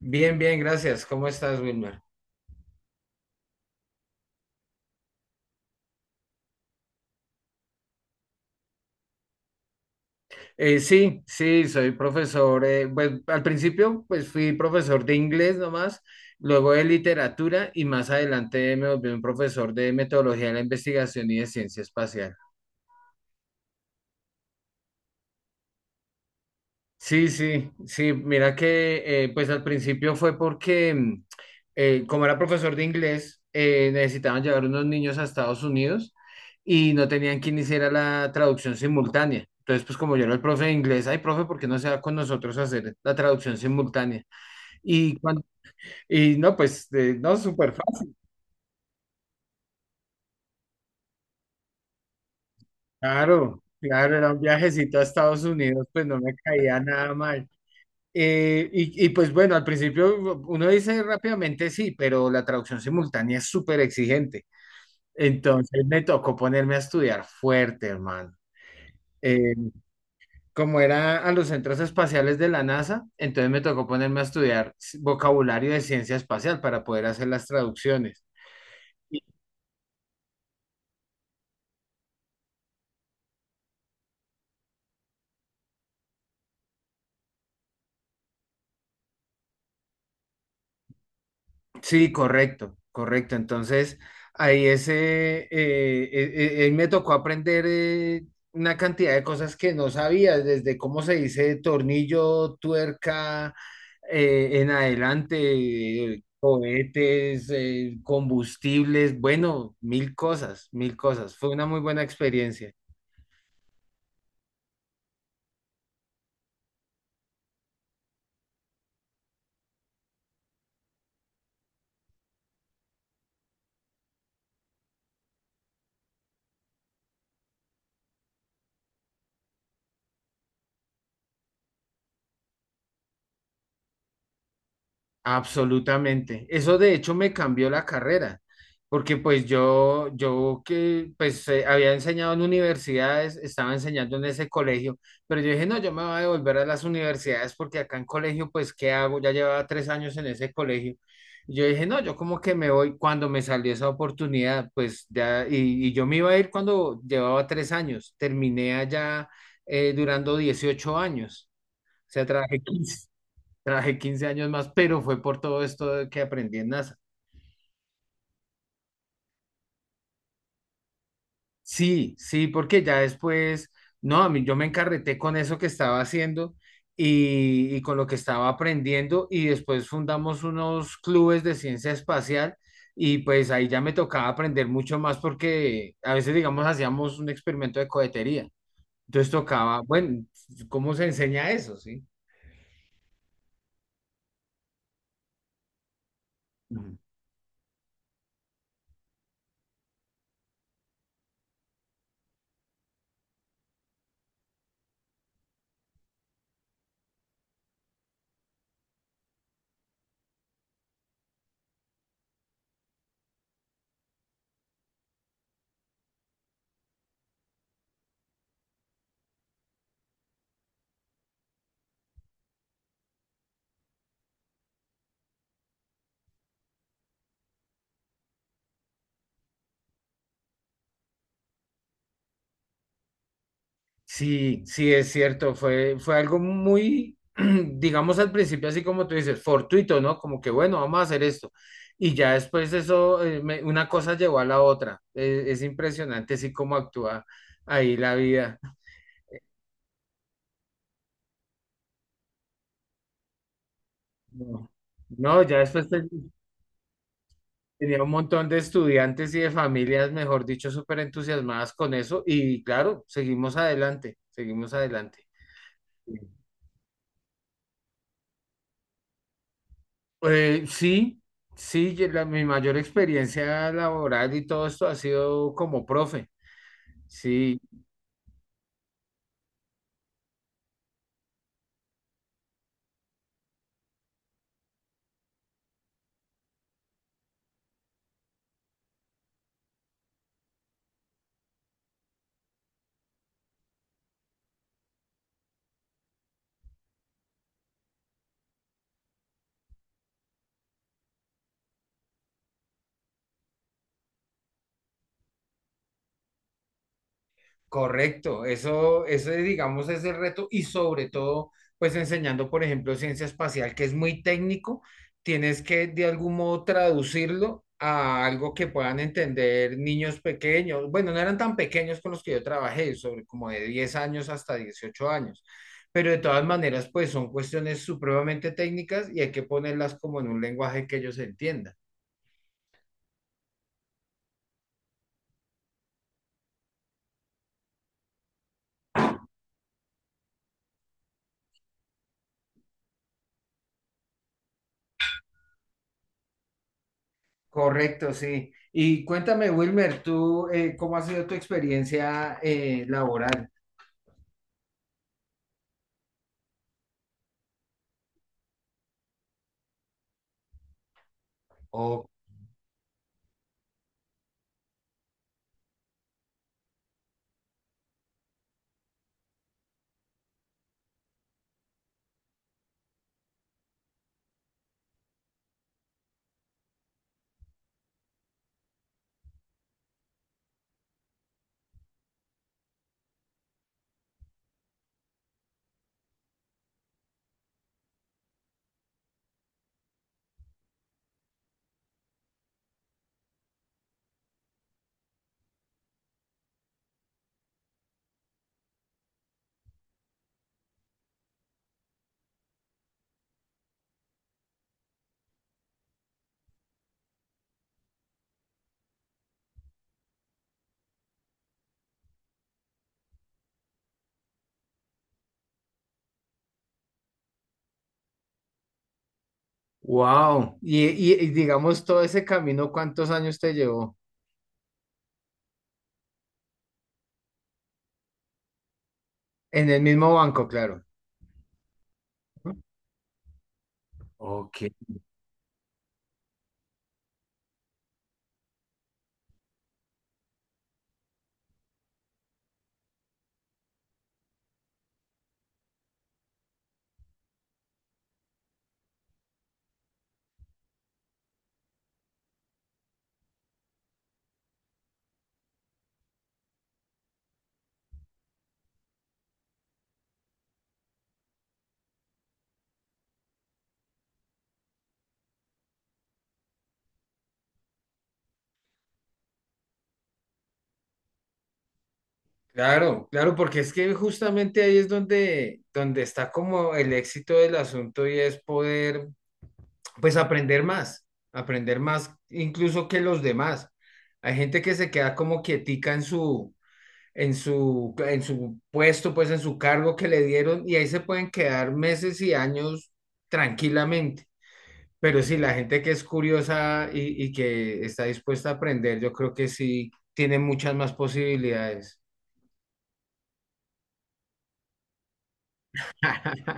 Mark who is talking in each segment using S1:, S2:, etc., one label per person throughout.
S1: Bien, bien, gracias. ¿Cómo estás, Wilmer? Sí, sí, soy profesor. Pues al principio, pues fui profesor de inglés nomás, luego de literatura y más adelante me volví un profesor de metodología de la investigación y de ciencia espacial. Sí, sí, sí, mira que pues al principio fue porque como era profesor de inglés, necesitaban llevar unos niños a Estados Unidos y no tenían quien hiciera la traducción simultánea. Entonces, pues como yo era el profe de inglés, ay, profe, ¿por qué no se va con nosotros a hacer la traducción simultánea? Y, cuan- y no, pues no, súper fácil. Claro, claro, era un viajecito a Estados Unidos, pues no me caía nada mal. Pues bueno, al principio uno dice rápidamente sí, pero la traducción simultánea es súper exigente. Entonces me tocó ponerme a estudiar fuerte, hermano. Eh, como era a los centros espaciales de la NASA, entonces me tocó ponerme a estudiar vocabulario de ciencia espacial para poder hacer las traducciones. Sí, correcto, correcto. Entonces, ahí ese, me tocó aprender una cantidad de cosas que no sabía, desde cómo se dice tornillo, tuerca, en adelante, cohetes, combustibles, bueno, mil cosas, mil cosas. Fue una muy buena experiencia. Absolutamente. Eso de hecho me cambió la carrera, porque pues yo que pues había enseñado en universidades, estaba enseñando en ese colegio, pero yo dije, no, yo me voy a devolver a las universidades porque acá en colegio, pues, ¿qué hago? Ya llevaba 3 años en ese colegio. Yo dije, no, yo como que me voy cuando me salió esa oportunidad, pues ya, y yo me iba a ir cuando llevaba 3 años, terminé allá durando 18 años, o sea, trabajé 15 años más, pero fue por todo esto de que aprendí en NASA. Sí, sí, porque ya después, no, a mí yo me encarreté con eso que estaba haciendo y con lo que estaba aprendiendo y después fundamos unos clubes de ciencia espacial y pues ahí ya me tocaba aprender mucho más porque a veces, digamos, hacíamos un experimento de cohetería. Entonces tocaba, bueno, ¿cómo se enseña eso? Sí. Sí, sí, es cierto, fue algo muy, digamos al principio, así como tú dices, fortuito, ¿no? Como que bueno, vamos a hacer esto. Y ya después eso, una cosa llevó a la otra. Es impresionante, así como actúa ahí la vida. No, no, ya después tenía un montón de estudiantes y de familias, mejor dicho, súper entusiasmadas con eso. Y claro, seguimos adelante, seguimos adelante. Sí, sí, mi mayor experiencia laboral y todo esto ha sido como profe. Sí, correcto, eso es, digamos es el reto y sobre todo pues enseñando por ejemplo ciencia espacial que es muy técnico, tienes que de algún modo traducirlo a algo que puedan entender niños pequeños, bueno, no eran tan pequeños con los que yo trabajé, sobre como de 10 años hasta 18 años, pero de todas maneras pues son cuestiones supremamente técnicas y hay que ponerlas como en un lenguaje que ellos entiendan. Correcto, sí. Y cuéntame, Wilmer, tú, ¿cómo ha sido tu experiencia laboral? Oh, wow. Y digamos, todo ese camino, ¿cuántos años te llevó? En el mismo banco, claro. Ok. Claro, claro, porque es que justamente ahí es donde, donde está como el éxito del asunto y es poder, pues, aprender más incluso que los demás. Hay gente que se queda como quietica en su, en su puesto, pues en su cargo que le dieron y ahí se pueden quedar meses y años tranquilamente. Pero sí, la gente que es curiosa y que está dispuesta a aprender, yo creo que sí tiene muchas más posibilidades.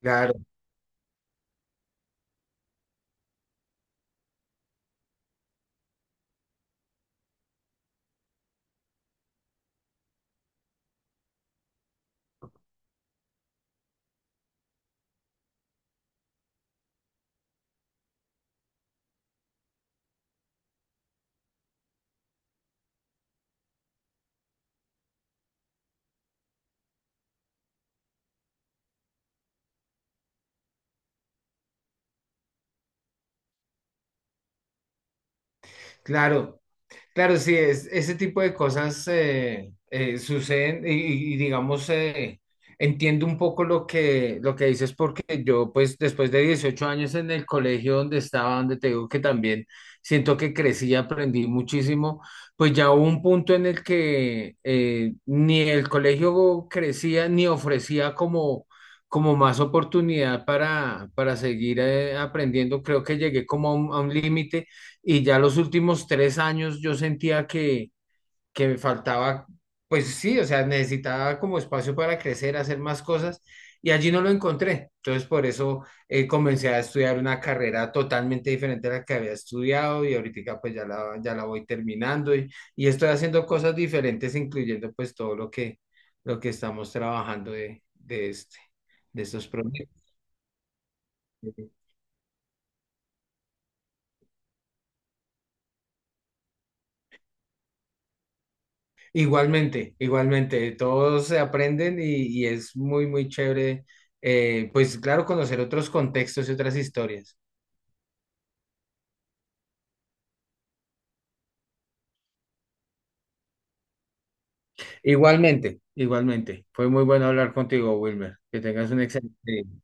S1: Claro, claro. Claro, sí, es, ese tipo de cosas suceden y digamos, entiendo un poco lo que dices porque yo, pues, después de 18 años en el colegio donde estaba, donde te digo que también siento que crecí, aprendí muchísimo, pues ya hubo un punto en el que ni el colegio crecía ni ofrecía como, como más oportunidad para seguir aprendiendo. Creo que llegué como a un límite y ya los últimos 3 años yo sentía que me faltaba, pues sí, o sea, necesitaba como espacio para crecer, hacer más cosas, y allí no lo encontré. Entonces, por eso comencé a estudiar una carrera totalmente diferente a la que había estudiado, y ahorita pues ya la, ya la voy terminando, y estoy haciendo cosas diferentes, incluyendo pues todo lo que estamos trabajando de este, de estos proyectos. Igualmente, igualmente, todos se aprenden y es muy, muy chévere, pues claro, conocer otros contextos y otras historias. Igualmente, igualmente. Fue muy bueno hablar contigo, Wilmer. Que tengas un excelente día.